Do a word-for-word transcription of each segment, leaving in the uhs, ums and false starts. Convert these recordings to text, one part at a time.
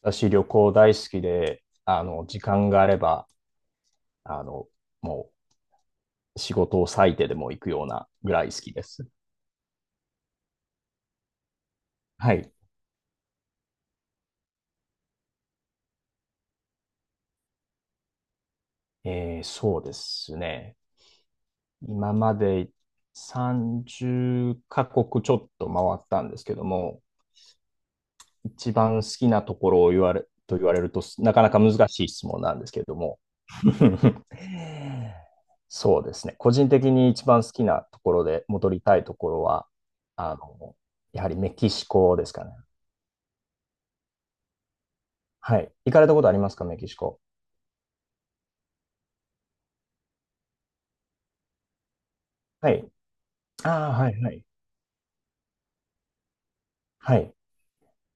私、旅行大好きで、あの、時間があれば、あの、もう仕事を割いてでも行くようなぐらい好きです。はい。えー、そうですね。今までさんじゅっカ国ちょっと回ったんですけども、一番好きなところを言われ、と言われると、なかなか難しい質問なんですけども。そうですね。個人的に一番好きなところで戻りたいところは、あの、やはりメキシコですかね。はい。行かれたことありますか、メキシコ。はい。ああ、はいはい。はい。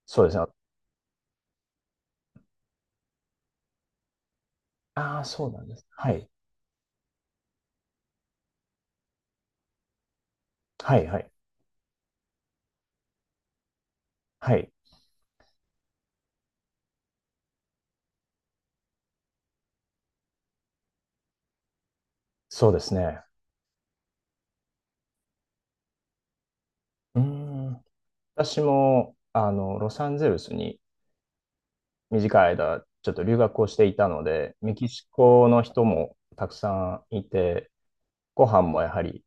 そうですね。ああ、そうなんです。はい。はいはい。はい。そうですね。うーん。私も、あの、ロサンゼルスに短い間、ちょっと留学をしていたので、メキシコの人もたくさんいて、ご飯もやはり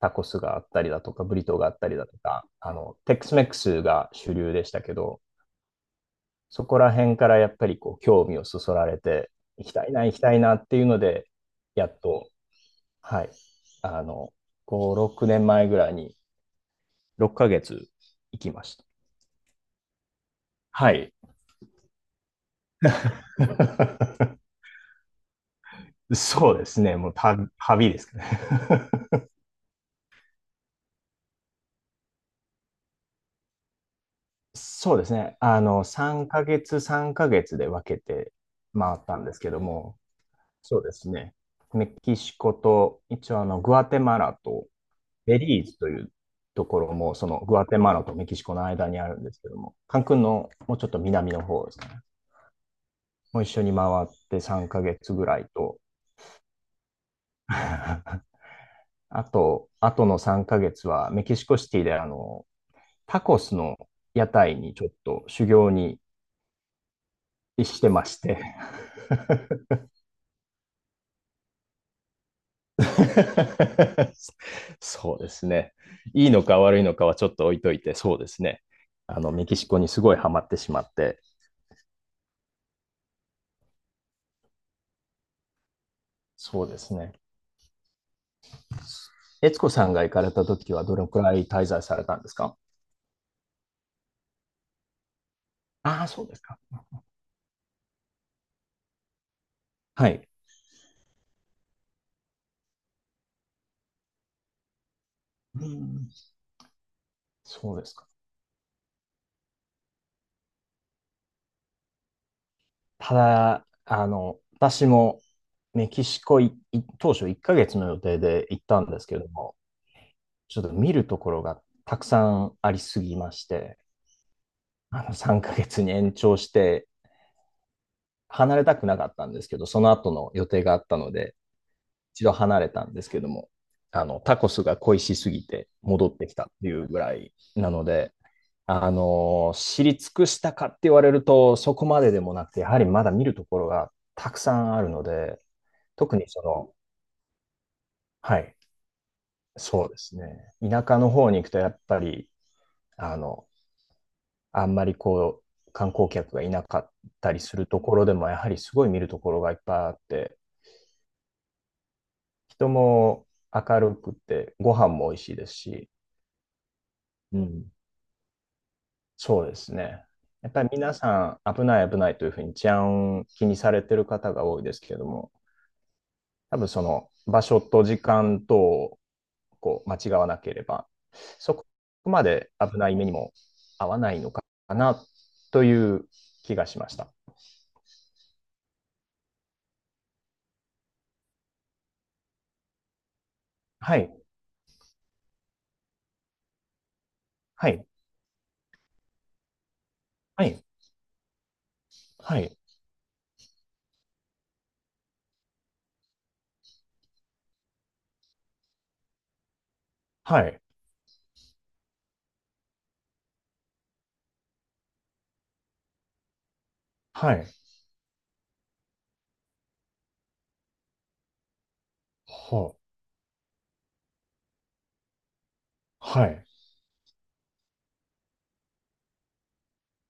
タコスがあったりだとか、ブリトーがあったりだとか、あの、テックスメックスが主流でしたけど、そこら辺からやっぱりこう興味をそそられて、行きたいな、行きたいなっていうので、やっと、はい、あの、ご、ろくねんまえぐらいにろっかげつ行きました。はい。そうですね。もう旅、旅ですかね。そうですね。あの、さんかげつ、さんかげつで分けて回ったんですけども、そうですね。メキシコと、一応あの、グアテマラと、ベリーズというところも、そのグアテマラとメキシコの間にあるんですけども、カンクンのもうちょっと南の方ですね。もう一緒に回ってさんかげつぐらいと、あと、あとのさんかげつはメキシコシティであの、タコスの屋台にちょっと修行にしてまして。そうですね。いいのか悪いのかはちょっと置いといて、そうですね。あの、メキシコにすごいハマってしまって、そうですね。悦子さんが行かれた時はどれくらい滞在されたんですか？ああー、そうですか。はい。うん。そうですか。ただ、あの、私もメキシコいい当初いっかげつの予定で行ったんですけども、ちょっと見るところがたくさんありすぎまして、あのさんかげつに延長して離れたくなかったんですけど、その後の予定があったので、一度離れたんですけども、あの、タコスが恋しすぎて戻ってきたっていうぐらいなので、あの、知り尽くしたかって言われると、そこまででもなくて、やはりまだ見るところがたくさんあるので、特にその、はい、そうですね。田舎の方に行くと、やっぱり、あの、あんまりこう、観光客がいなかったりするところでも、やはりすごい見るところがいっぱいあって、人も明るくて、ご飯も美味しいですし、うん、そうですね。やっぱり皆さん危ない危ないというふうに治安気にされてる方が多いですけれども、多分その場所と時間とをこう間違わなければ、そこまで危ない目にも合わないのかなという気がしました。はい、はい、はい、はい、はい、はい、ははい。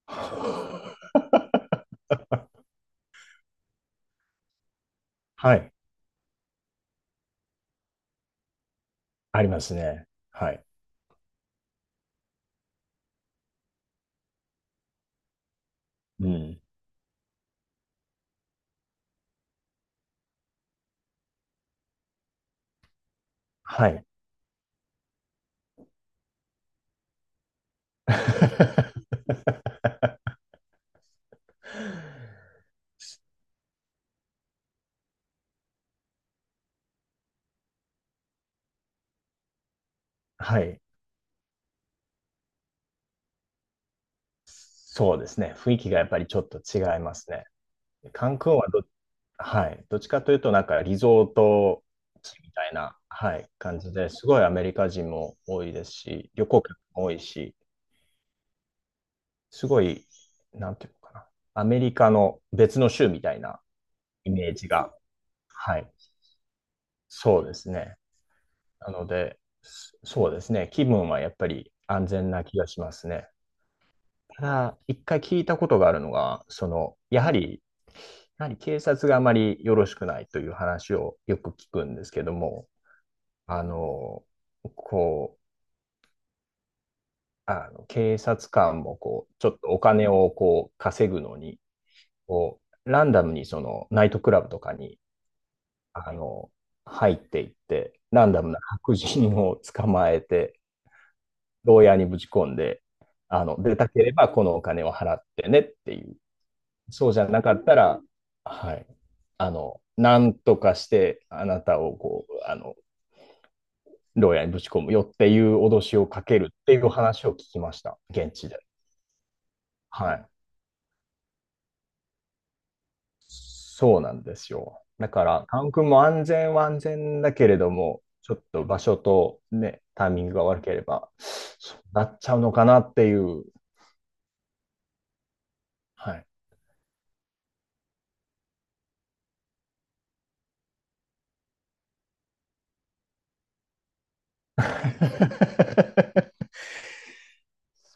はい、ありますね。はい。うん。はい。はい。そうですね。雰囲気がやっぱりちょっと違いますね。カンクンはどはい。どっちかというと、なんかリゾート地みたいな、はい、感じで、すごいアメリカ人も多いですし、旅行客も多いし、すごい、なんていうのかな、アメリカの別の州みたいなイメージが、はい、そうですね。なので、そそうですね。気分はやっぱり安全な気がしますね。ただ、一回聞いたことがあるのが、その、やはり、やはり警察があまりよろしくないという話をよく聞くんですけども、あの、こう、あの、警察官もこう、ちょっとお金をこう、稼ぐのに、こう、ランダムにその、ナイトクラブとかに、あの、入っていって、ランダムな白人を捕まえて、牢屋にぶち込んで、あの、出たければこのお金を払ってねっていう。そうじゃなかったら、はい。あの、なんとかしてあなたをこう、あの、牢屋にぶち込むよっていう脅しをかけるっていう話を聞きました。現地で。はい。そうなんですよ。だから、カン君も安全は安全だけれども、ちょっと場所とね、タイミングが悪ければ、そうなっちゃうのかなっていう。はい。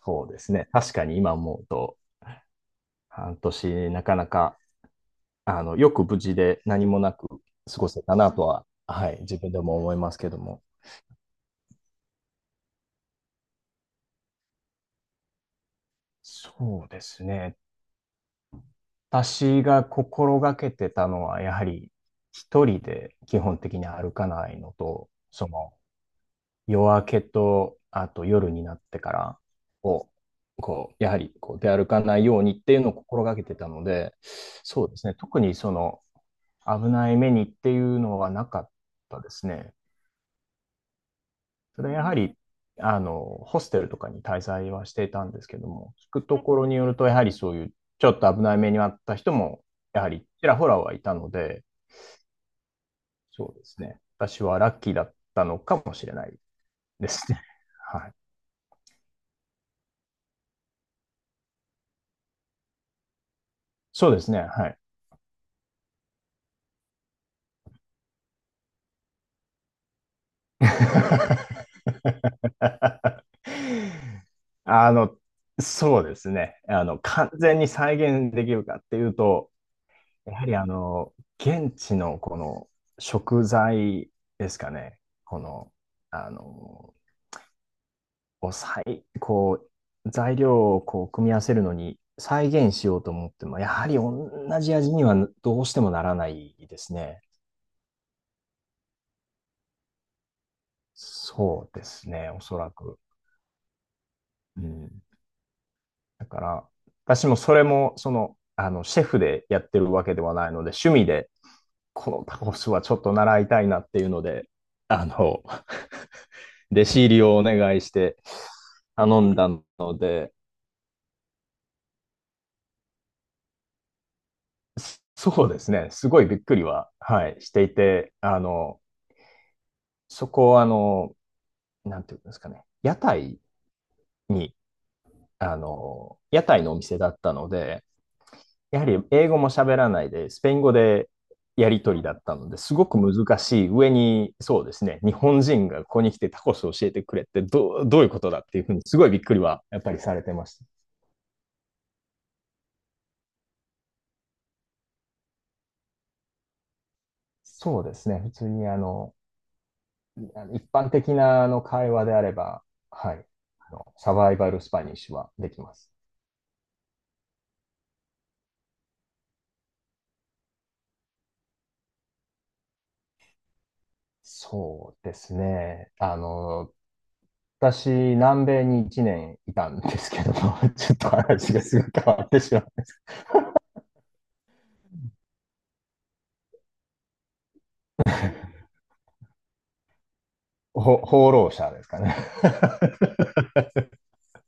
そうですね。確かに今思うと、半年なかなか、あの、よく無事で何もなく過ごせたなとは、はい、自分でも思いますけども。そうですね。私が心がけてたのは、やはり一人で基本的に歩かないのと、その夜明けと、あと夜になってからを、こう、やはりこう出歩かないようにっていうのを心がけてたので、そうですね、特にその危ない目にっていうのはなかったですね。それはやはり、あの、ホステルとかに滞在はしていたんですけども、聞くところによると、やはりそういうちょっと危ない目に遭った人も、やはりちらほらはいたので、そうですね。私はラッキーだったのかもしれないですね。はい。そうですね。はい。あの、そうですね。あの、完全に再現できるかっていうと、やはりあの、現地のこの食材ですかね。この、あの、こう、再こう、材料をこう組み合わせるのに再現しようと思っても、やはり同じ味にはどうしてもならないですね。そうですね、おそらく。うん。だから、私もそれも、その、あの、シェフでやってるわけではないので、趣味で、このタコスはちょっと習いたいなっていうので、あの、弟子入りをお願いして頼んだので、そうですね、すごいびっくりは、はい、していて、あの、そこは、あの、なんていうんですかね、屋台に、あの、屋台のお店だったので、やはり英語も喋らないで、スペイン語でやり取りだったので、すごく難しい上に、そうですね、日本人がここに来てタコスを教えてくれってどう、どういうことだっていうふうに、すごいびっくりはやっぱりされてました。そうですね、普通にあの、あの一般的なあの会話であれば、はい、あのサバイバルスパニッシュはできます。そうですね、あの、私、南米にいちねんいたんですけども、ちょっと話がすぐ変わってしまう。ほ放浪者ですかね。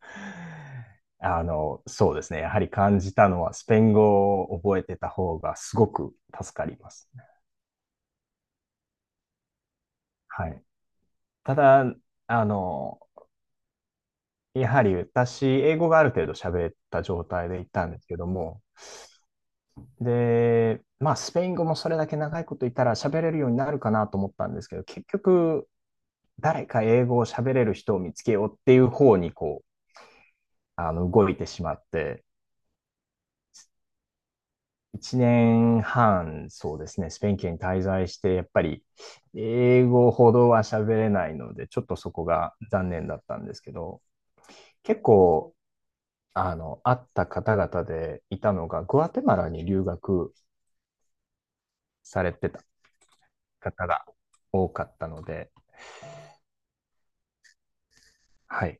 あの、そうですね。やはり感じたのは、スペイン語を覚えてた方がすごく助かりますね。はい。ただ、あの、やはり私、英語がある程度喋った状態で行ったんですけども、で、まあ、スペイン語もそれだけ長いこといたら喋れるようになるかなと思ったんですけど、結局、誰か英語を喋れる人を見つけようっていう方にこう、あの、動いてしまって、いちねんはん、そうですね、スペイン圏に滞在して、やっぱり英語ほどは喋れないので、ちょっとそこが残念だったんですけど、結構、あの、会った方々でいたのが、グアテマラに留学されてた方が多かったので、はい。